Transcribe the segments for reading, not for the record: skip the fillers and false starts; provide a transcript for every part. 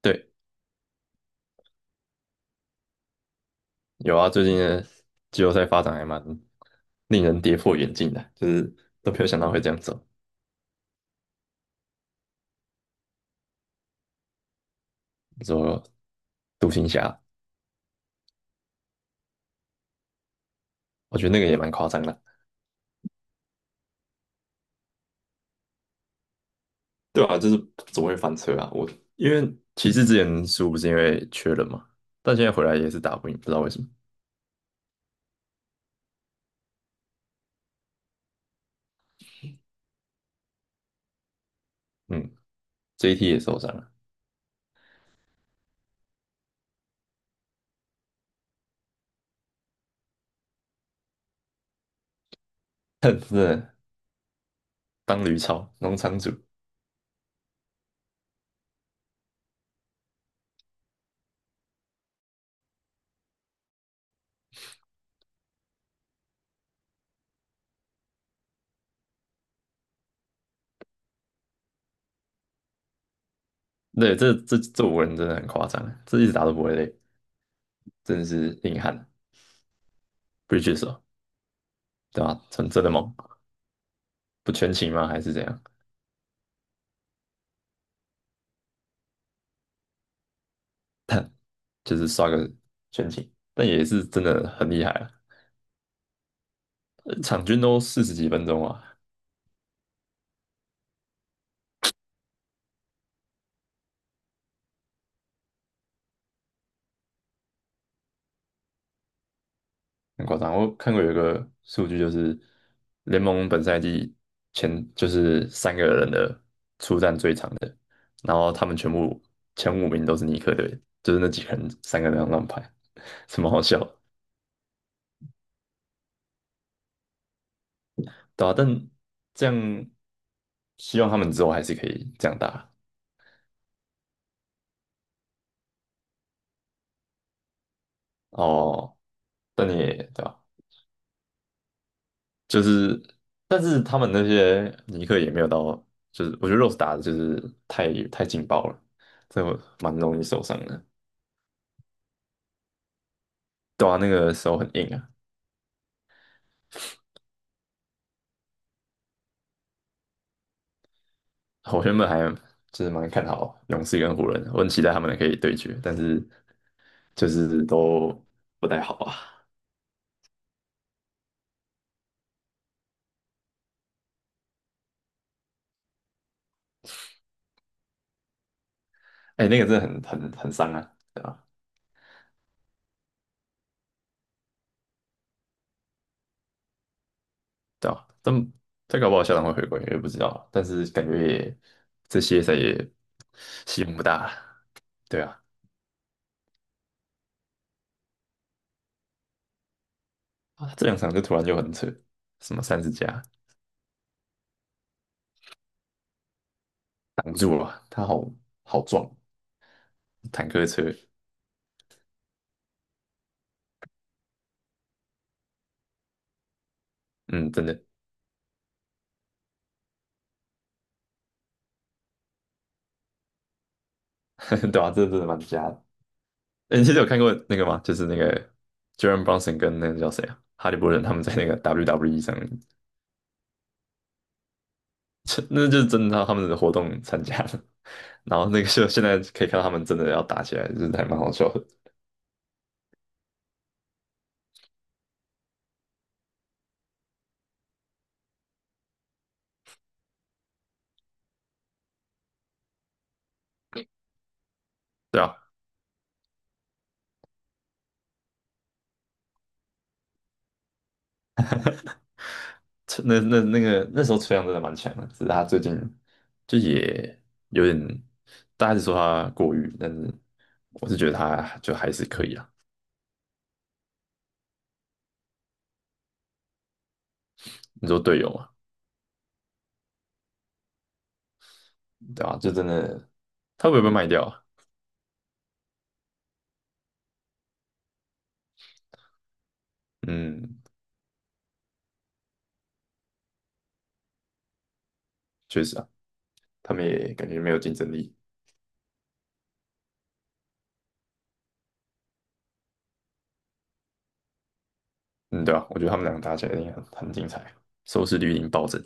对，有啊，最近的季后赛发展还蛮令人跌破眼镜的，就是都没有想到会这样走。你说独行侠，我觉得那个也蛮夸张的，对啊，就是总会翻车啊？我因为骑士之前输不是因为缺人嘛，但现在回来也是打不赢，不知道为什么。嗯，JT 也受伤了，哼，真的当驴超农场主，对，这五个人真的很夸张啊，这一直打都不会累，真的是硬汉不 r i d 对吧、啊？真的猛，不全勤吗？还是怎样？就是刷个全勤，但也是真的很厉害啊，场均都四十几分钟啊，很夸张。我看过有一个数据，就是联盟本赛季前就是三个人的出战最长的，然后他们全部前五名都是尼克队，就是那几个人三个人这样乱排，什么好笑的对吧？但这样希望他们之后还是可以这样打哦，但你也对吧、就是，但是他们那些尼克也没有到，就是我觉得 Rose 打的就是太劲爆了，这蛮容易受伤的。对啊，那个手很硬啊。我原本还就是蛮看好勇士跟湖人的，我很期待他们可以对决，但是就是都不太好啊。哎、那个真的很伤啊，对啊，对啊，但再搞不好校长会回归，也不知道，但是感觉也这些赛也希望不大啊，对啊。啊，他这两场就突然就很扯，什么三十加挡住了，他好好撞坦克车，嗯，真的，对啊，这真的蛮瞎的。哎，你记得有看过那个吗？就是那个 Jaren Brunson 跟那个叫谁啊，哈利波特他们在那个 WWE 上面，这那就是真的他们的活动参加了，然后那个就现在可以看到他们真的要打起来，就是还蛮好笑的。对啊。吹那个那时候崔杨真的蛮强的，只是他最近就也有点，大家是说他过誉，但是我是觉得他就还是可以啊。你说队友嘛，对吧、就真的他会不会被卖掉啊？嗯，确实啊，他们也感觉没有竞争力。嗯，对啊，我觉得他们两个打起来一定很很精彩，收视率一定暴增。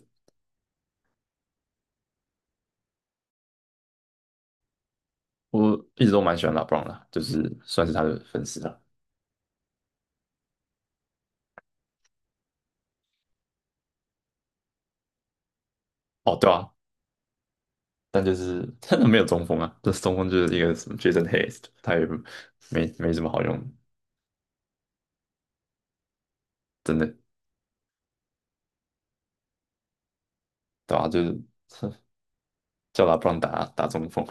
我一直都蛮喜欢拉布朗的，就是算是他的粉丝了。哦，对啊，但就是真的没有中锋啊，这中锋就是一个什么 Jason Hayes,他也没什么好用，真的，对吧、就是 哼叫他不让打中锋，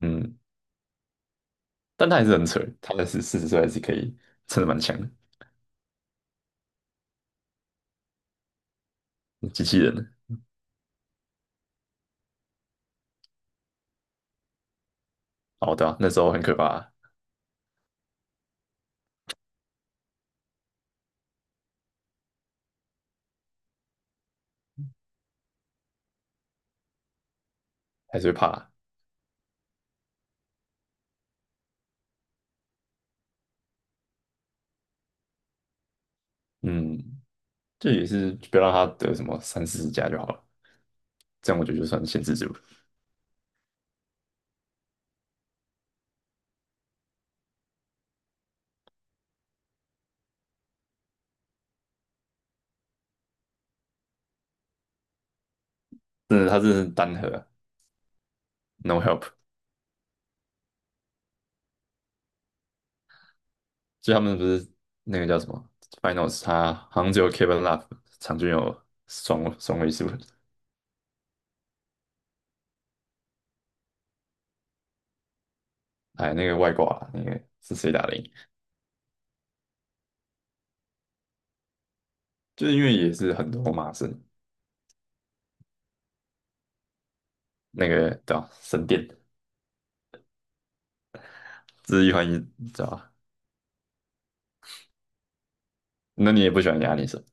嗯，但他还是很扯，他还是四十岁还是可以，撑的蛮强的，机器人。哦，对啊，那时候很可怕，还是会怕，嗯，这也是不要让他得什么三四十加就好了，这样我觉得就算限制住了。真的，他真的是单核啊，no help。就他们不是那个叫什么 Finals,他好像只有 Kevin Love 场均有双位数，哎，那个外挂啦那个是谁打的赢？就是因为也是很多骂神那个对吧、神殿，这是一环一知道吧？那你也不喜欢亚尼斯，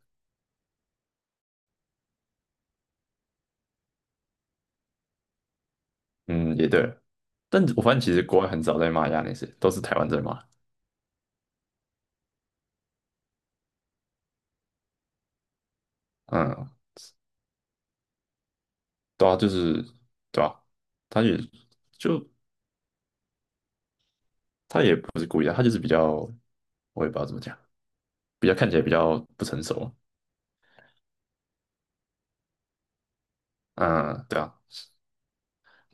嗯，也对但我发现其实国外很少在骂亚尼斯，都是台湾在骂。嗯，对啊，就是对啊，他也就他也不是故意的，他就是比较，我也不知道怎么讲，比较看起来比较不成熟。嗯，对啊，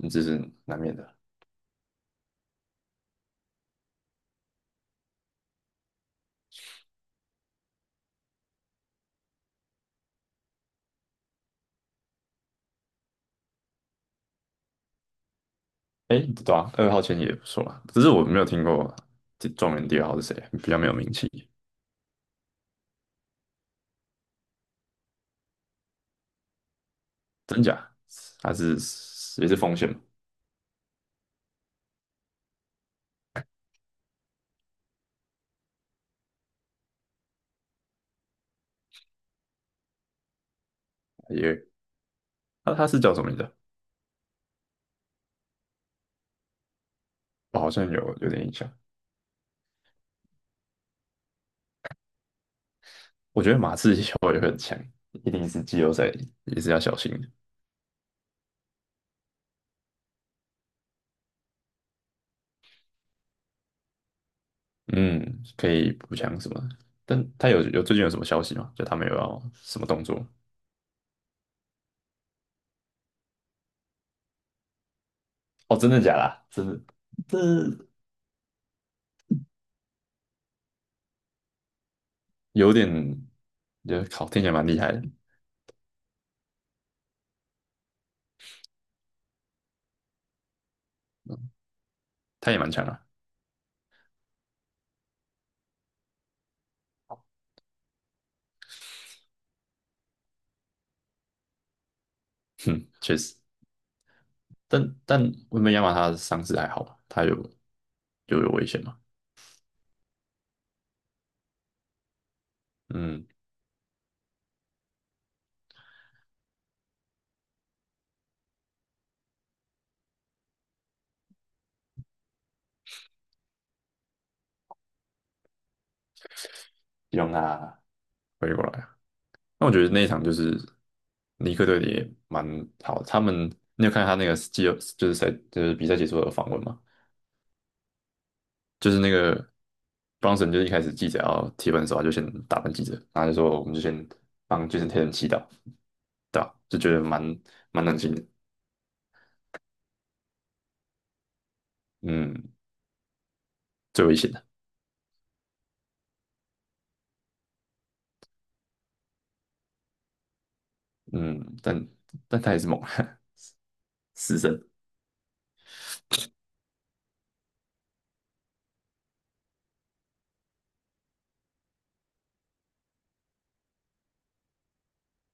这是难免的。哎，对啊，二号签也不错啊，只是我没有听过这状元第二号是谁，比较没有名气，真假？他是也是锋线嘛，也他是叫什么名字啊我好像有点印象。我觉得马刺以后也会很强，一定是季后赛也是要小心的。嗯，可以补强什么的但他有最近有什么消息吗？就他们有要什么动作？哦，真的假的啊？真的，这有点，觉得靠，听起来蛮厉害的，他也蛮强啊。嗯，确实，但温本亚马他的伤势还好吧？他有就有危险嘛？嗯，希望他回过来啊。那我觉得那一场就是尼克队的也蛮好，他们你有看他那个季后就是赛就是比赛结束的访问吗？就是那个 Brunson 就是一开始记者要提问的时候，他就先打断记者，然后就说我们就先帮 Jason Tatum 祈祷，对吧？就觉得蛮冷静的，嗯，最危险的，嗯，但他也是猛，死神。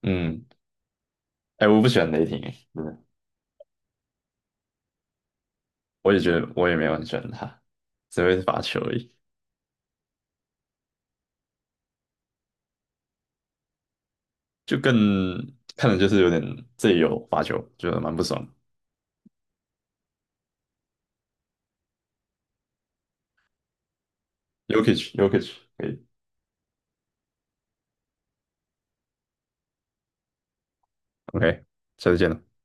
嗯，哎、我不喜欢雷霆、嗯，我也觉得我也没有很喜欢他，只会罚球而已，就更看的就是有点这里有罚球，觉得蛮不爽。Yokich，Yokich，可以，OK,下次见了。